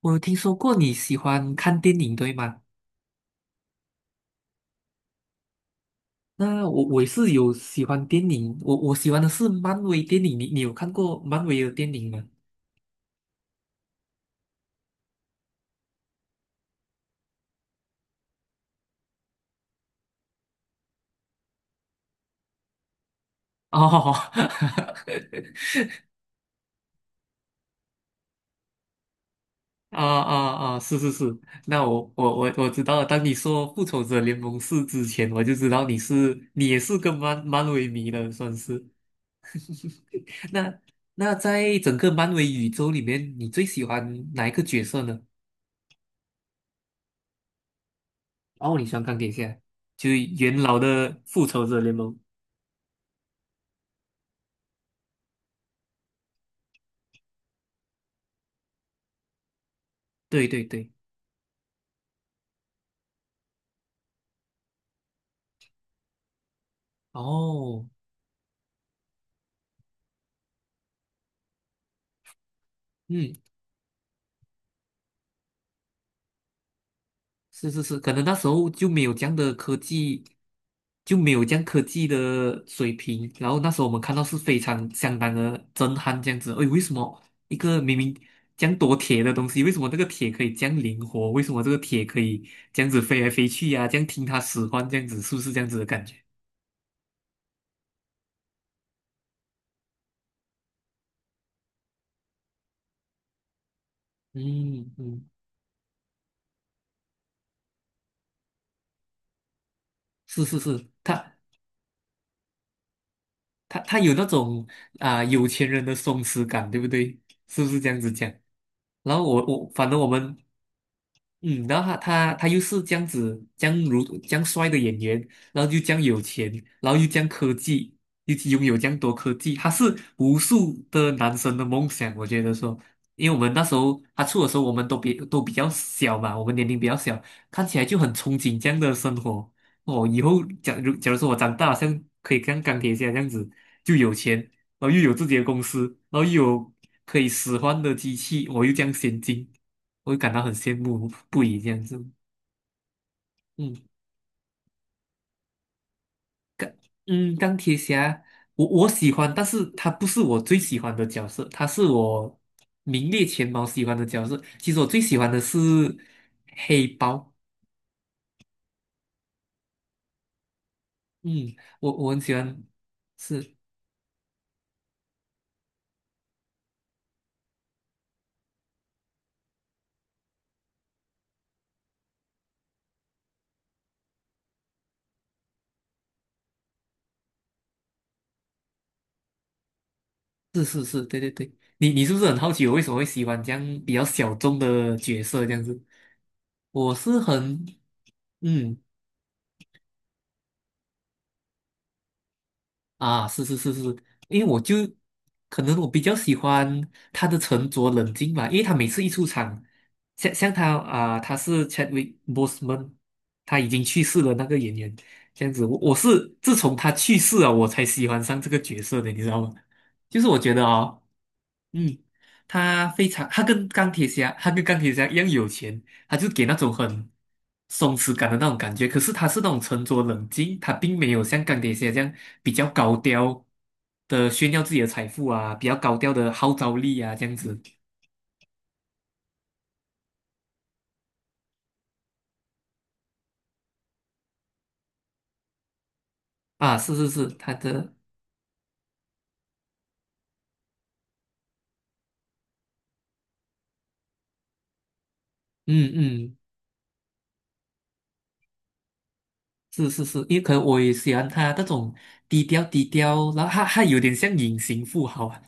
我有听说过你喜欢看电影，对吗？那我也是有喜欢电影，我喜欢的是漫威电影，你有看过漫威的电影吗？哦，啊啊啊！是是是，那我知道了。当你说《复仇者联盟四》之前，我就知道你是你也是个漫威迷了，算是。那那在整个漫威宇宙里面，你最喜欢哪一个角色呢？哦，你喜欢钢铁侠，就是元老的《复仇者联盟》。对对对，哦，嗯，是是是，可能那时候就没有这样的科技，就没有这样科技的水平。然后那时候我们看到是非常相当的震撼，这样子。哎，为什么一个明明这样多铁的东西，为什么这个铁可以这样灵活？为什么这个铁可以这样子飞来飞去呀、这样听他使唤，这样子是不是这样子的感觉？嗯嗯，是是是，他。他有那种啊、有钱人的松弛感，对不对？是不是这样子讲？然后我反正我们嗯，然后他又是这样子，这样如这样帅的演员，然后又这样有钱，然后又这样科技，又拥有这样多科技，他是无数的男生的梦想。我觉得说，因为我们那时候他出的时候，我们都比较小嘛，我们年龄比较小，看起来就很憧憬这样的生活。哦，以后假如说我长大，好像可以像钢铁侠这样子，就有钱，然后又有自己的公司，然后又有可以使唤的机器，我又这样先进。我会感到很羡慕不已这样子。嗯嗯，钢铁侠，我喜欢，但是他不是我最喜欢的角色，他是我名列前茅喜欢的角色。其实我最喜欢的是黑豹。嗯，我很喜欢，是是是是，对对对。你是不是很好奇我为什么会喜欢这样比较小众的角色这样子？我是很嗯。啊，是是是是，因为我就可能我比较喜欢他的沉着冷静吧，因为他每次一出场，像他啊、他是 Chadwick Boseman，他已经去世了那个演员，这样子，我是自从他去世了，我才喜欢上这个角色的，你知道吗？就是我觉得啊。嗯，他非常，他跟钢铁侠，他跟钢铁侠一样有钱，他就给那种很松弛感的那种感觉。可是他是那种沉着冷静，他并没有像钢铁侠这样比较高调的炫耀自己的财富啊，比较高调的号召力啊，这样子啊，是是是，他的，嗯嗯。是是是，因为可能我也喜欢他那种低调，然后他有点像隐形富豪啊，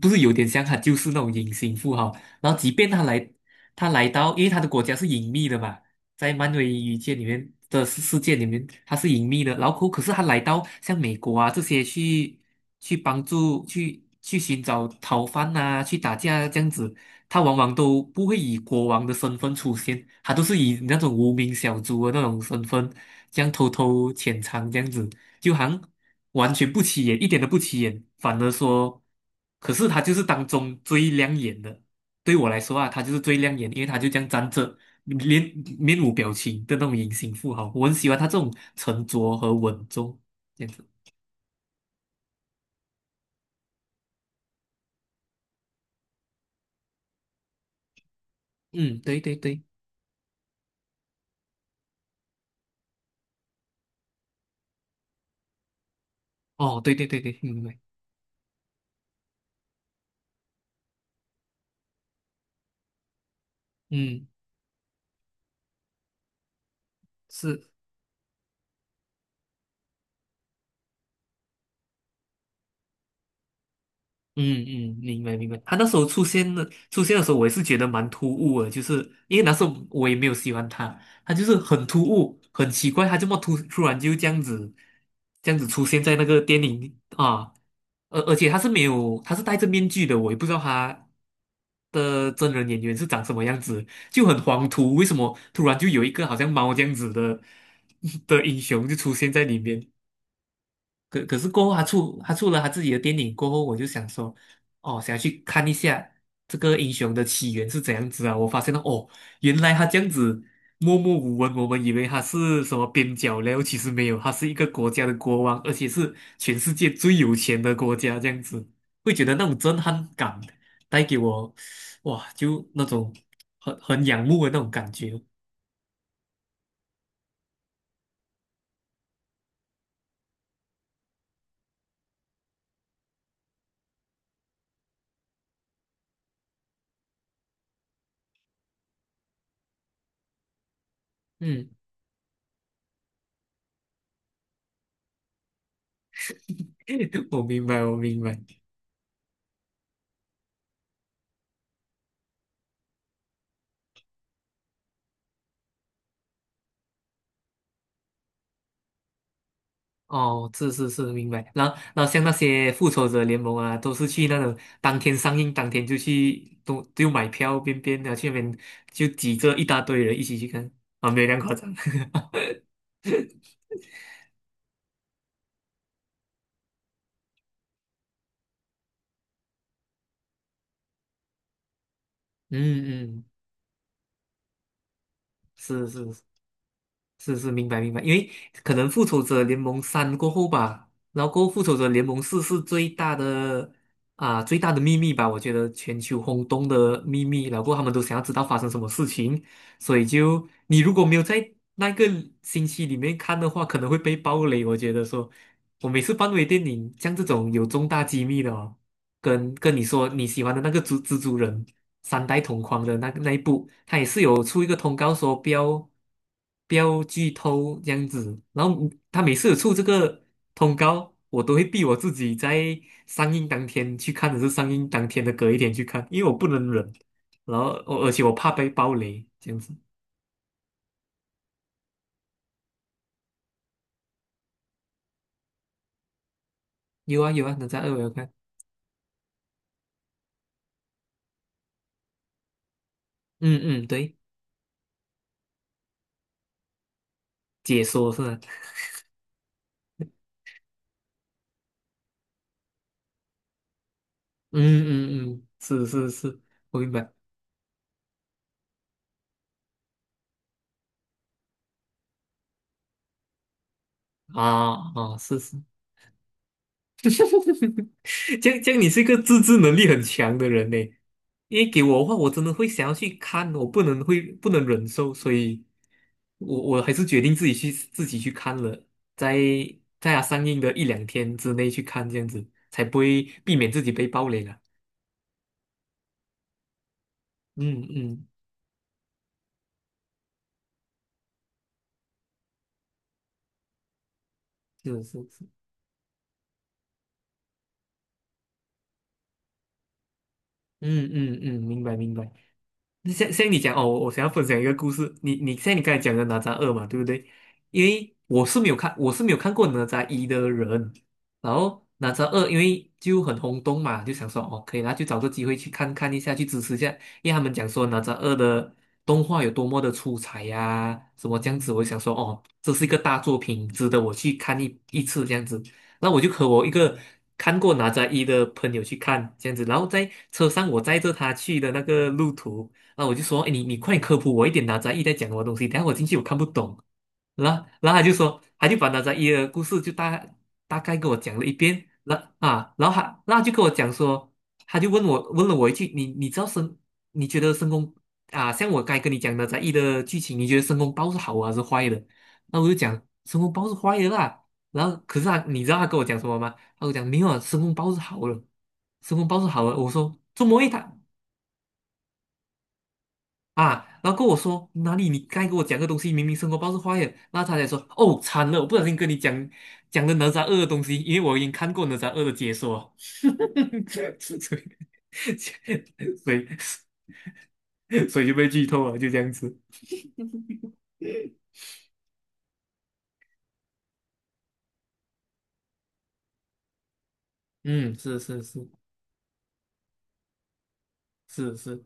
不是有点像，他就是那种隐形富豪。然后即便他来，他来到，因为他的国家是隐秘的嘛，在漫威宇宙里面的世界里面，他是隐秘的。然后可是他来到像美国啊这些去去帮助去寻找逃犯啊，去打架这样子，他往往都不会以国王的身份出现，他都是以那种无名小卒的那种身份，这样偷偷潜藏这样子，就好像完全不起眼，一点都不起眼，反而说，可是他就是当中最亮眼的。对我来说啊，他就是最亮眼，因为他就这样站着，面面无表情的那种隐形富豪，我很喜欢他这种沉着和稳重这样子。嗯，对对对，哦，对对对对，明白，嗯，是。嗯嗯，明白明白。他那时候出现的时候，我也是觉得蛮突兀的，就是因为那时候我也没有喜欢他，他就是很突兀，很奇怪，他这么突然就这样子，这样子出现在那个电影里啊，而且他是没有，他是戴着面具的，我也不知道他的真人演员是长什么样子，就很黄图，为什么突然就有一个好像猫这样子的 的英雄就出现在里面？可是过后他出了他自己的电影过后，我就想说，哦，想要去看一下这个英雄的起源是怎样子啊？我发现了哦，原来他这样子默默无闻，我们以为他是什么边角料，其实没有，他是一个国家的国王，而且是全世界最有钱的国家，这样子会觉得那种震撼感带给我，哇，就那种很仰慕的那种感觉。嗯，我明白，我明白。哦，是是是，明白。然后，然后像那些复仇者联盟啊，都是去那种当天上映，当天就去，都就买票，边的去那边就挤着一大堆人一起去看啊，没有那样夸张。嗯嗯，是是。是是，明白明白，因为可能复仇者联盟三过后吧，然后过后复仇者联盟四是最大的啊最大的秘密吧，我觉得全球轰动的秘密，然后过后他们都想要知道发生什么事情，所以就你如果没有在那个星期里面看的话，可能会被爆雷。我觉得说，我每次漫威电影像这种有重大机密的哦，跟你说你喜欢的那个蜘蛛人。三代同框的那个那一部，他也是有出一个通告说不要剧透这样子。然后他每次有出这个通告，我都会逼我自己在上映当天去看，还是上映当天的隔一天去看，因为我不能忍。然后而且我怕被暴雷这样子。有啊有啊，哪吒二我有看。嗯嗯，对，解说是吧？嗯嗯嗯，是是是，我明白。啊啊，是是。这样你是一个自制能力很强的人呢。因为给我的话，我真的会想要去看，我不能忍受，所以我还是决定自己去看了，在在它上映的一两天之内去看，这样子才不会避免自己被暴雷了。嗯嗯，是是是，嗯嗯嗯，明白明白。那像你讲哦，我想要分享一个故事。你像你刚才讲的哪吒二嘛，对不对？因为我是没有看，我是没有看过哪吒一的人。然后哪吒二因为就很轰动嘛，就想说哦，可以啦，就找个机会去看看一下，去支持一下。因为他们讲说哪吒二的动画有多么的出彩呀、什么这样子，我就想说哦，这是一个大作品，值得我去看一次这样子。那我就和我一个看过哪吒一的朋友去看这样子，然后在车上我载着他去的那个路途。啊，我就说，哎，你快点科普我一点哪吒一在讲什么东西，等下我进去我看不懂。然后他就说，他就把哪吒一的故事就大概给我讲了一遍，然后他那就跟我讲说，他就问我问了我一句，你知道申，你觉得申公啊，像我该跟你讲哪吒一的剧情，你觉得申公豹是好啊还是坏的？那我就讲申公豹是坏的啦。然后可是他，你知道他跟我讲什么吗？他跟我讲没有啊，申公豹是好的，申公豹是好的。我说这么？一他啊，然后跟我说哪里你该给我讲个东西，明明生活报是坏的，然后他才说哦惨了，我不小心跟你讲了哪吒二的东西，因为我已经看过哪吒二的解说，所以所以 所以就被剧透了，就这样子。嗯，是是是是是，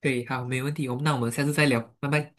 对，好，没问题，我们那我们下次再聊，拜拜。